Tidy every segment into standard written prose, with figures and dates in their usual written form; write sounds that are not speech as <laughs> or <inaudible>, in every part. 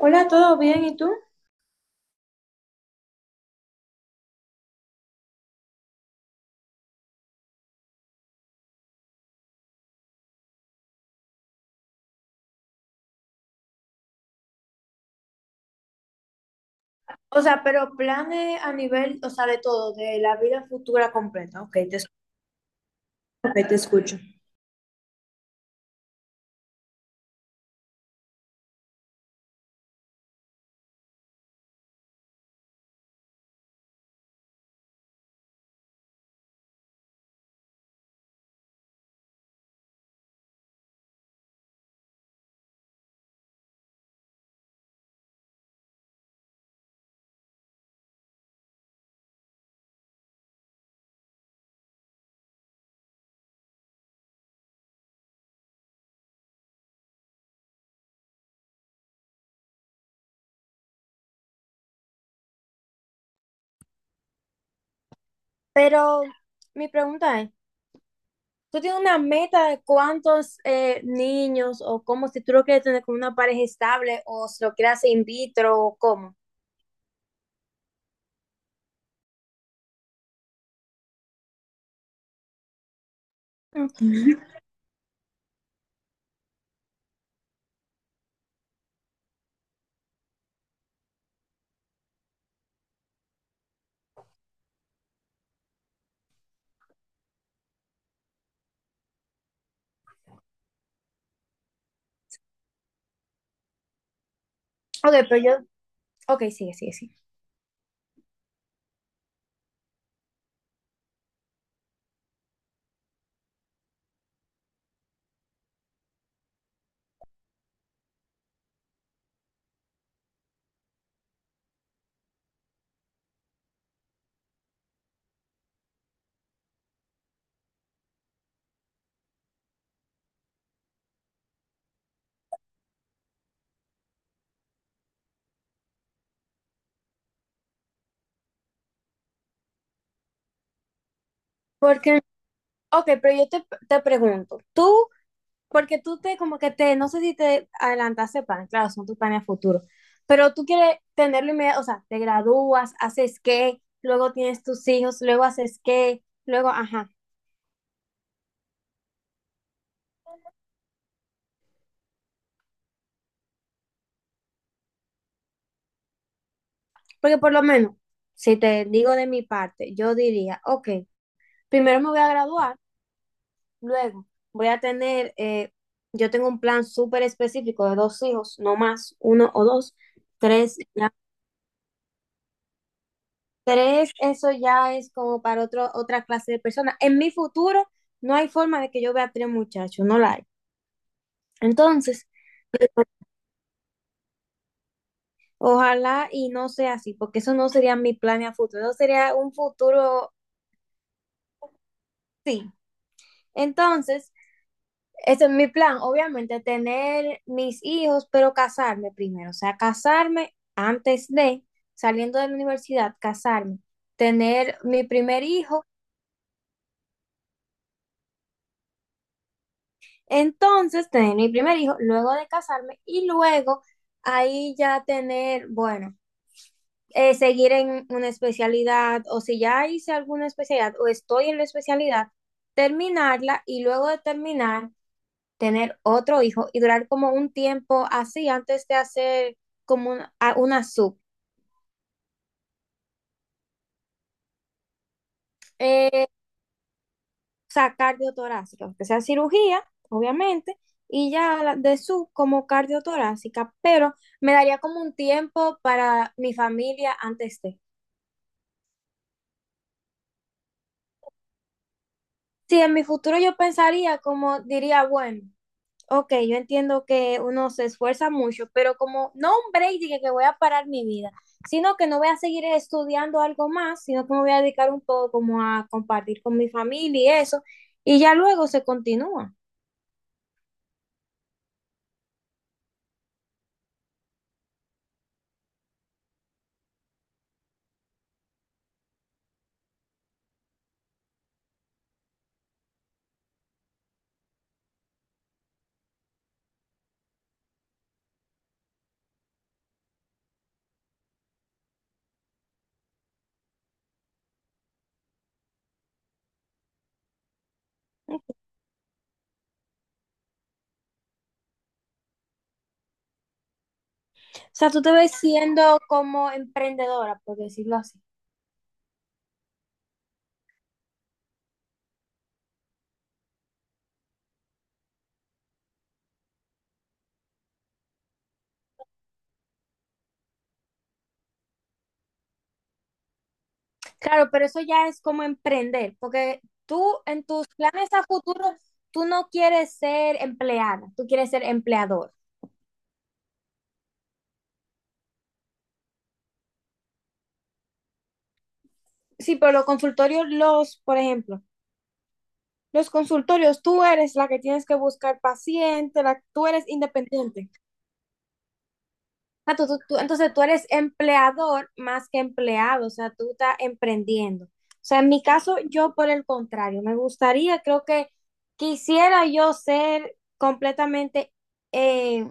Hola, ¿todo bien? ¿Y tú? O sea, pero planes a nivel, o sea, de todo, de la vida futura completa. Ok, te, escu- ok, te escucho. Pero mi pregunta es, ¿tú tienes una meta de cuántos niños o cómo si tú lo quieres tener con una pareja estable o si lo quieres hacer in vitro o cómo? Ok. Ok, pero yo, ok, sigue, sigue, sigue. Porque, ok, pero yo te, te pregunto, ¿tú porque tú te, como que te, no sé si te adelantaste plan, claro, son tus planes a futuro, pero tú quieres tenerlo inmediato? O sea, te gradúas, haces qué, luego tienes tus hijos, luego haces qué, luego, ajá. Porque por lo menos, si te digo de mi parte, yo diría, ok, primero me voy a graduar, luego voy a tener, yo tengo un plan súper específico de dos hijos, no más, uno o dos, tres, ya. Tres, eso ya es como para otro, otra clase de personas. En mi futuro no hay forma de que yo vea tres muchachos, no la hay. Entonces, ojalá y no sea así, porque eso no sería mi plan a futuro, eso sería un futuro, sí. Entonces, ese es mi plan, obviamente, tener mis hijos, pero casarme primero, o sea, casarme antes de, saliendo de la universidad, casarme, tener mi primer hijo. Entonces, tener mi primer hijo, luego de casarme y luego ahí ya tener, bueno, seguir en una especialidad o si ya hice alguna especialidad o estoy en la especialidad, terminarla y luego de terminar, tener otro hijo y durar como un tiempo así antes de hacer como una, una sub. Eh, o sea, cardiotorácica, aunque sea cirugía, obviamente, y ya de sub como cardiotorácica, pero me daría como un tiempo para mi familia antes de. Si en mi futuro yo pensaría como diría, bueno, ok, yo entiendo que uno se esfuerza mucho, pero como no un break de que voy a parar mi vida, sino que no voy a seguir estudiando algo más, sino que me voy a dedicar un poco como a compartir con mi familia y eso, y ya luego se continúa. Sea, tú te ves siendo como emprendedora, por decirlo así. Claro, pero eso ya es como emprender, porque tú en tus planes a futuro, tú no quieres ser empleada, tú quieres ser empleador. Sí, pero los consultorios, los, por ejemplo, los consultorios, tú eres la que tienes que buscar paciente, la, tú eres independiente. Sea, entonces tú eres empleador más que empleado, o sea, tú estás emprendiendo. O sea, en mi caso, yo por el contrario, me gustaría, creo que quisiera yo ser completamente eh,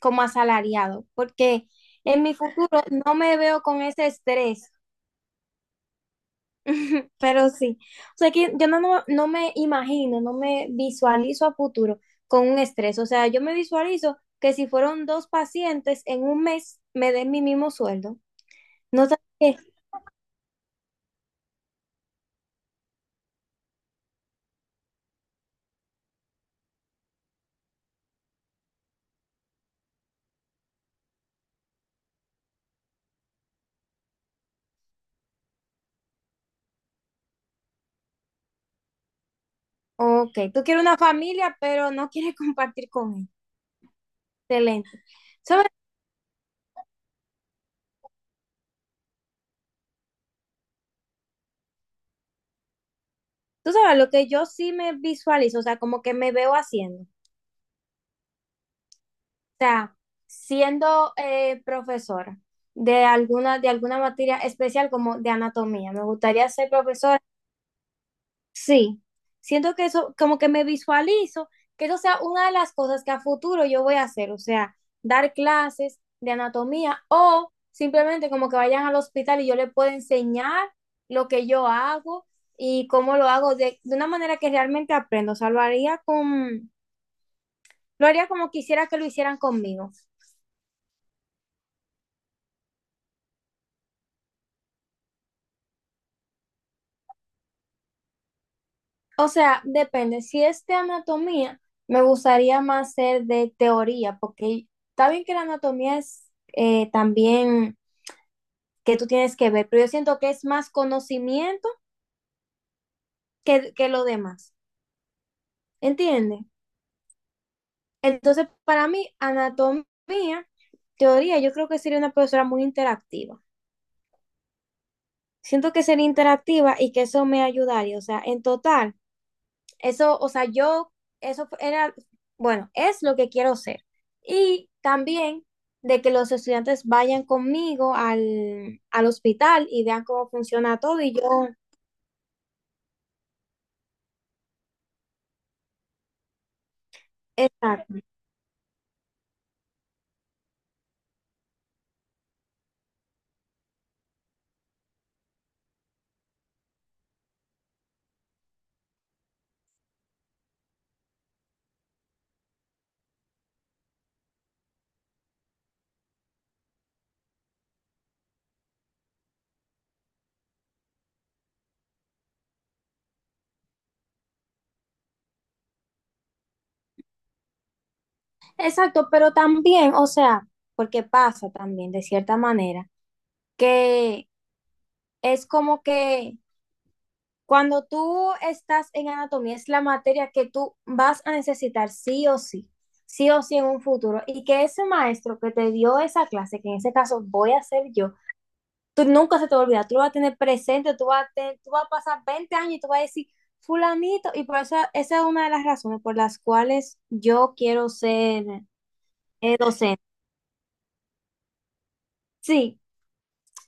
como asalariado, porque en mi futuro no me veo con ese estrés, <laughs> pero sí. O sea, que yo no, no, no me imagino, no me visualizo a futuro con un estrés. O sea, yo me visualizo que si fueron dos pacientes en un mes, me den mi mismo sueldo. No sabes qué. Ok, tú quieres una familia, pero no quieres <laughs> compartir con él. Excelente. ¿Sabes? Tú sabes lo que yo sí me visualizo, o sea, como que me veo haciendo. O sea, siendo profesora de alguna materia especial como de anatomía. Me gustaría ser profesora. Sí, siento que eso, como que me visualizo, que eso sea una de las cosas que a futuro yo voy a hacer, o sea, dar clases de anatomía o simplemente como que vayan al hospital y yo les pueda enseñar lo que yo hago y cómo lo hago de una manera que realmente aprendo, o sea, lo haría con, lo haría como quisiera que lo hicieran conmigo. O sea, depende, si es de anatomía, me gustaría más ser de teoría, porque está bien que la anatomía es también que tú tienes que ver, pero yo siento que es más conocimiento que lo demás, ¿entiendes? Entonces, para mí, anatomía, teoría, yo creo que sería una profesora muy interactiva. Siento que sería interactiva y que eso me ayudaría, o sea, en total, eso, o sea, yo, eso era, bueno, es lo que quiero ser. Y también de que los estudiantes vayan conmigo al, al hospital y vean cómo funciona todo y yo, exacto. Exacto, pero también, o sea, porque pasa también de cierta manera, que es como que cuando tú estás en anatomía es la materia que tú vas a necesitar sí o sí en un futuro, y que ese maestro que te dio esa clase, que en ese caso voy a ser yo, tú nunca se te olvida, tú lo vas a tener presente, tú vas a, tú vas a pasar 20 años y tú vas a decir, fulanito, y por eso esa es una de las razones por las cuales yo quiero ser docente. Sí,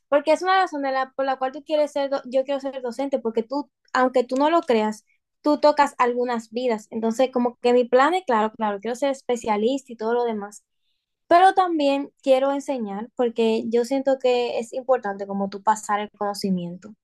porque es una razón de por la cual tú quieres ser, yo quiero ser docente, porque tú, aunque tú no lo creas, tú tocas algunas vidas. Entonces, como que mi plan es, claro, claro, quiero ser especialista y todo lo demás, pero también quiero enseñar, porque yo siento que es importante como tú pasar el conocimiento.